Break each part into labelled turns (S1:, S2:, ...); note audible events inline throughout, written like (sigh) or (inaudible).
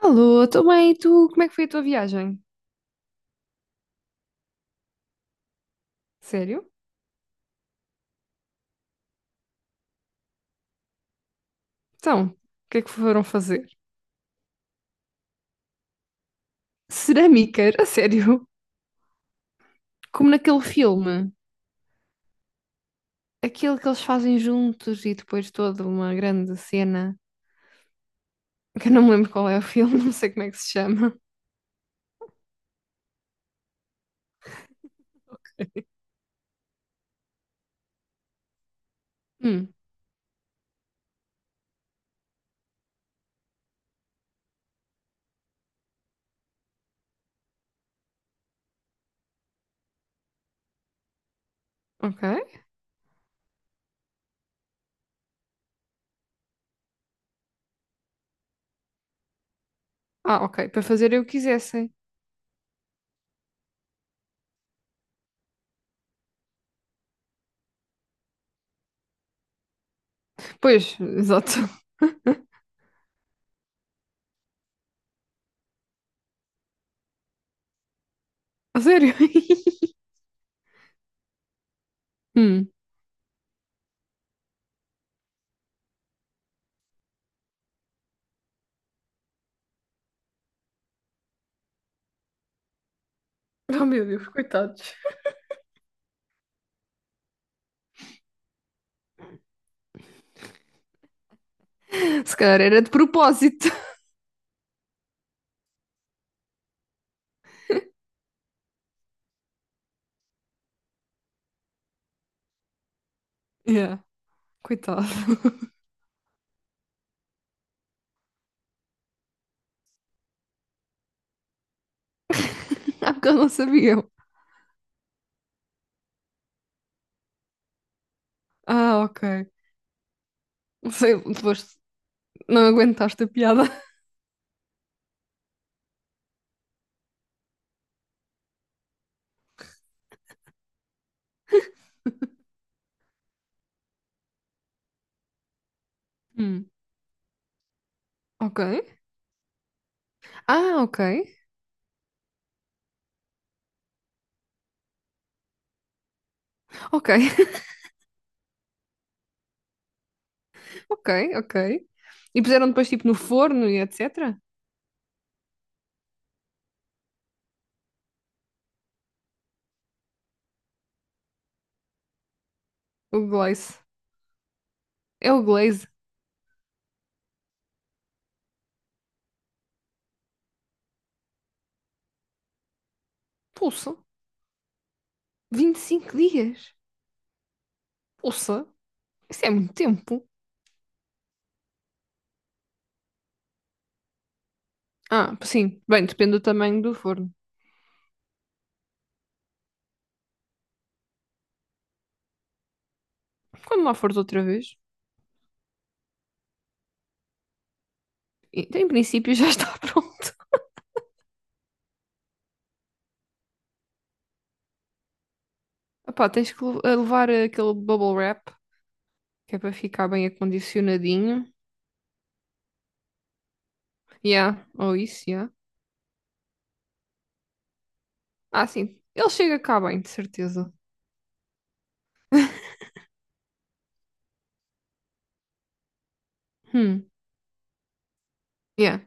S1: Alô, tô bem, e tu, como é que foi a tua viagem? Sério? Então, o que é que foram fazer? Cerâmica, a sério? Como naquele filme, aquele que eles fazem juntos e depois toda uma grande cena, que eu não me lembro qual é o filme, (laughs) não sei como é que se chama. Hum, ok. Ah, ok, para fazer eu quisessem. Pois, exato. A sério? (laughs) Hum. Oh meu Deus, coitados. Se calhar era de propósito. Yeah, coitado. (laughs) Ah, porque eu não sabia. Ah, ok. Não sei, não aguentaste a piada. Hum. Ok. Ah, ok. Ok, (laughs) ok. E puseram depois tipo no forno e etc. O glaze. É o glaze. Pulsa. 25 dias. Pulsa. Isso é muito tempo. Ah, sim. Bem, depende do tamanho do forno. Quando lá fores outra vez, então, em princípio já está (laughs) pronto. Opá, tens que le- eh, levar aquele bubble wrap, que é para ficar bem acondicionadinho. Yeah, ou isso, yeah. Ah, sim. Ele chega cá bem, de certeza. Hum. Yeah.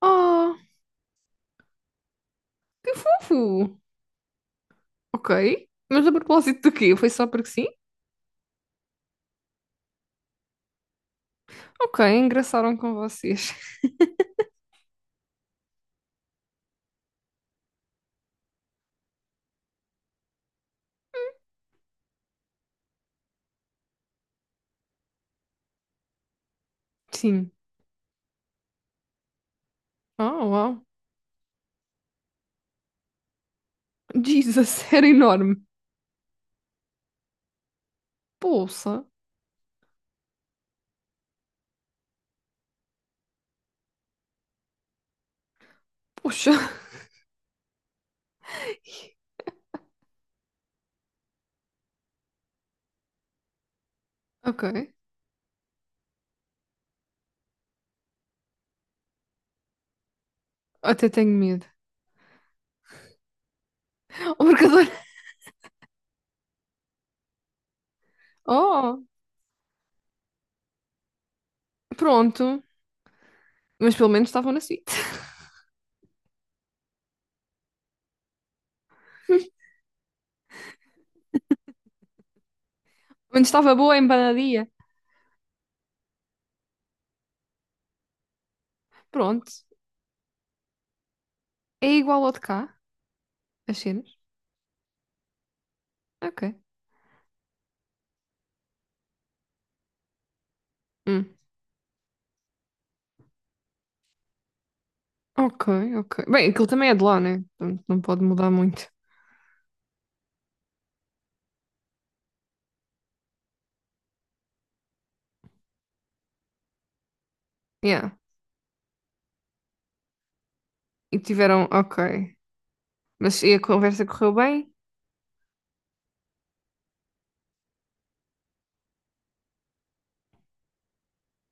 S1: Ah, que fofo. Ok. Mas a propósito do quê? Foi só porque sim? Ok, engraçaram com vocês. (laughs) Sim. Oh, uau. Jesus, era enorme. Poça. Poxa. Ok. Até tenho medo. (laughs) O marcador. Oh, pronto. Mas pelo menos estavam na suíte. (laughs) Pelo menos estava boa a empanadinha. Pronto. É igual ao de cá, as cenas. Ok. Hum. Ok, ok. Bem, aquilo também é de lá, né? Portanto, não pode mudar muito. Yeah. E tiveram, ok. Mas e a conversa correu bem?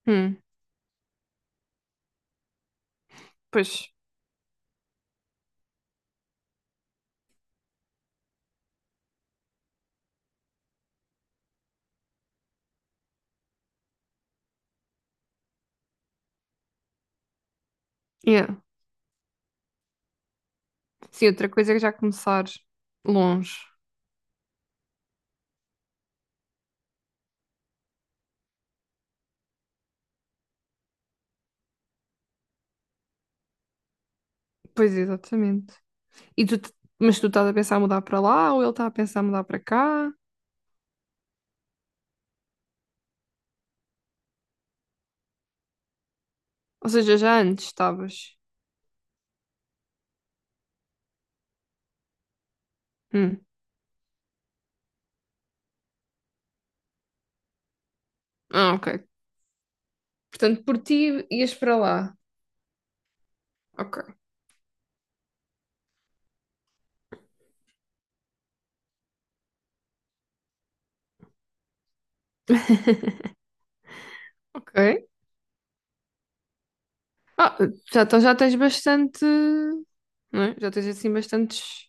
S1: Hum, pois. Yeah. Sim, outra coisa é já começar longe. Pois, exatamente. E tu, mas tu estás a pensar em mudar para lá ou ele está a pensar em mudar para cá? Ou seja, já antes estavas. Hum. Ah, ok. Portanto, por ti ias para lá. Ok. (laughs) Ok. Ah, já, então já tens bastante, não é? Já tens assim bastantes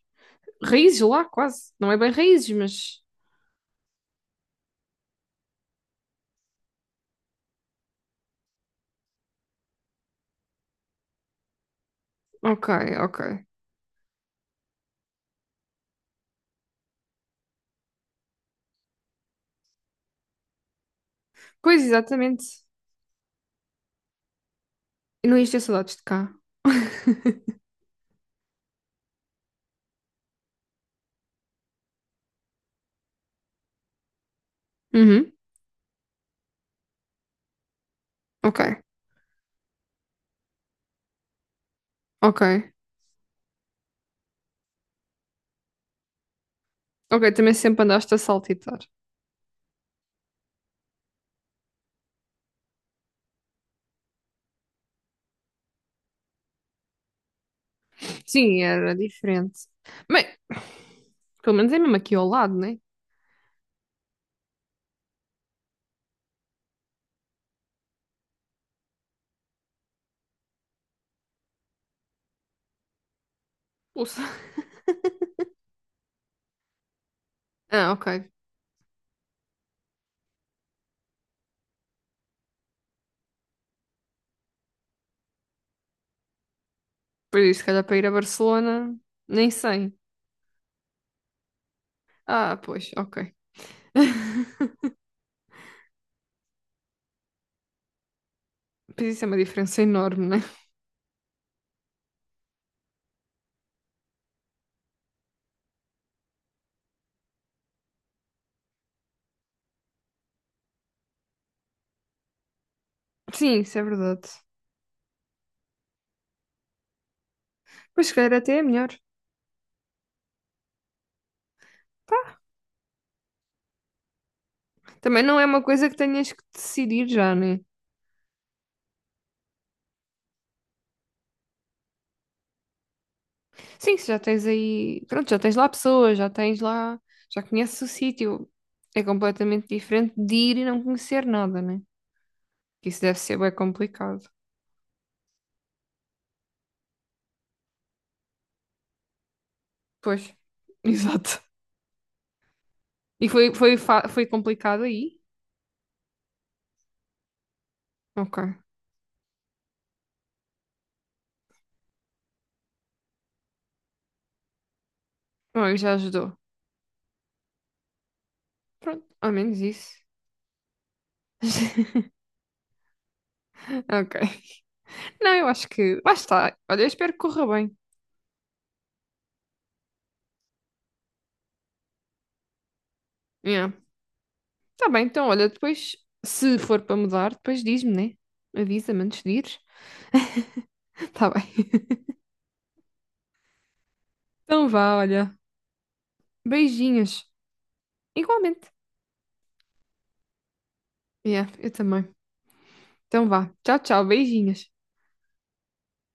S1: raízes lá, quase. Não é bem raízes, mas. Ok, ok. Pois, exatamente. Eu não ia ter saudades de cá. (laughs) Uhum, ok, ok. Ok, também sempre andaste a saltitar. Sim, era diferente. Bem, pelo menos é mesmo aqui ao lado, né? Ouça. (laughs) Ah, ok. Por isso, se calhar para ir a Barcelona, nem sei. Ah, pois, ok. (laughs) Pois isso é uma diferença enorme, né? Sim, isso é verdade. Pois, se calhar até é melhor. Também não é uma coisa que tenhas que decidir já, né? Sim, se já tens aí. Pronto, já tens lá pessoas, já tens lá. Já conheces o sítio. É completamente diferente de ir e não conhecer nada, né? Que isso deve ser bem complicado. Pois, (laughs) exato. E foi, foi, foi complicado aí? Ok. Oh, já ajudou. Pronto, ao menos isso. (laughs) Ok. Não, eu acho que. Lá está. Olha, eu espero que corra bem. Yeah. Tá bem, então, olha, depois, se for para mudar, depois diz-me, né? Avisa-me antes de ir. Tá bem. Então vá, olha. Beijinhos. Igualmente. Yeah, eu também. Então vá. Tchau, tchau. Beijinhos.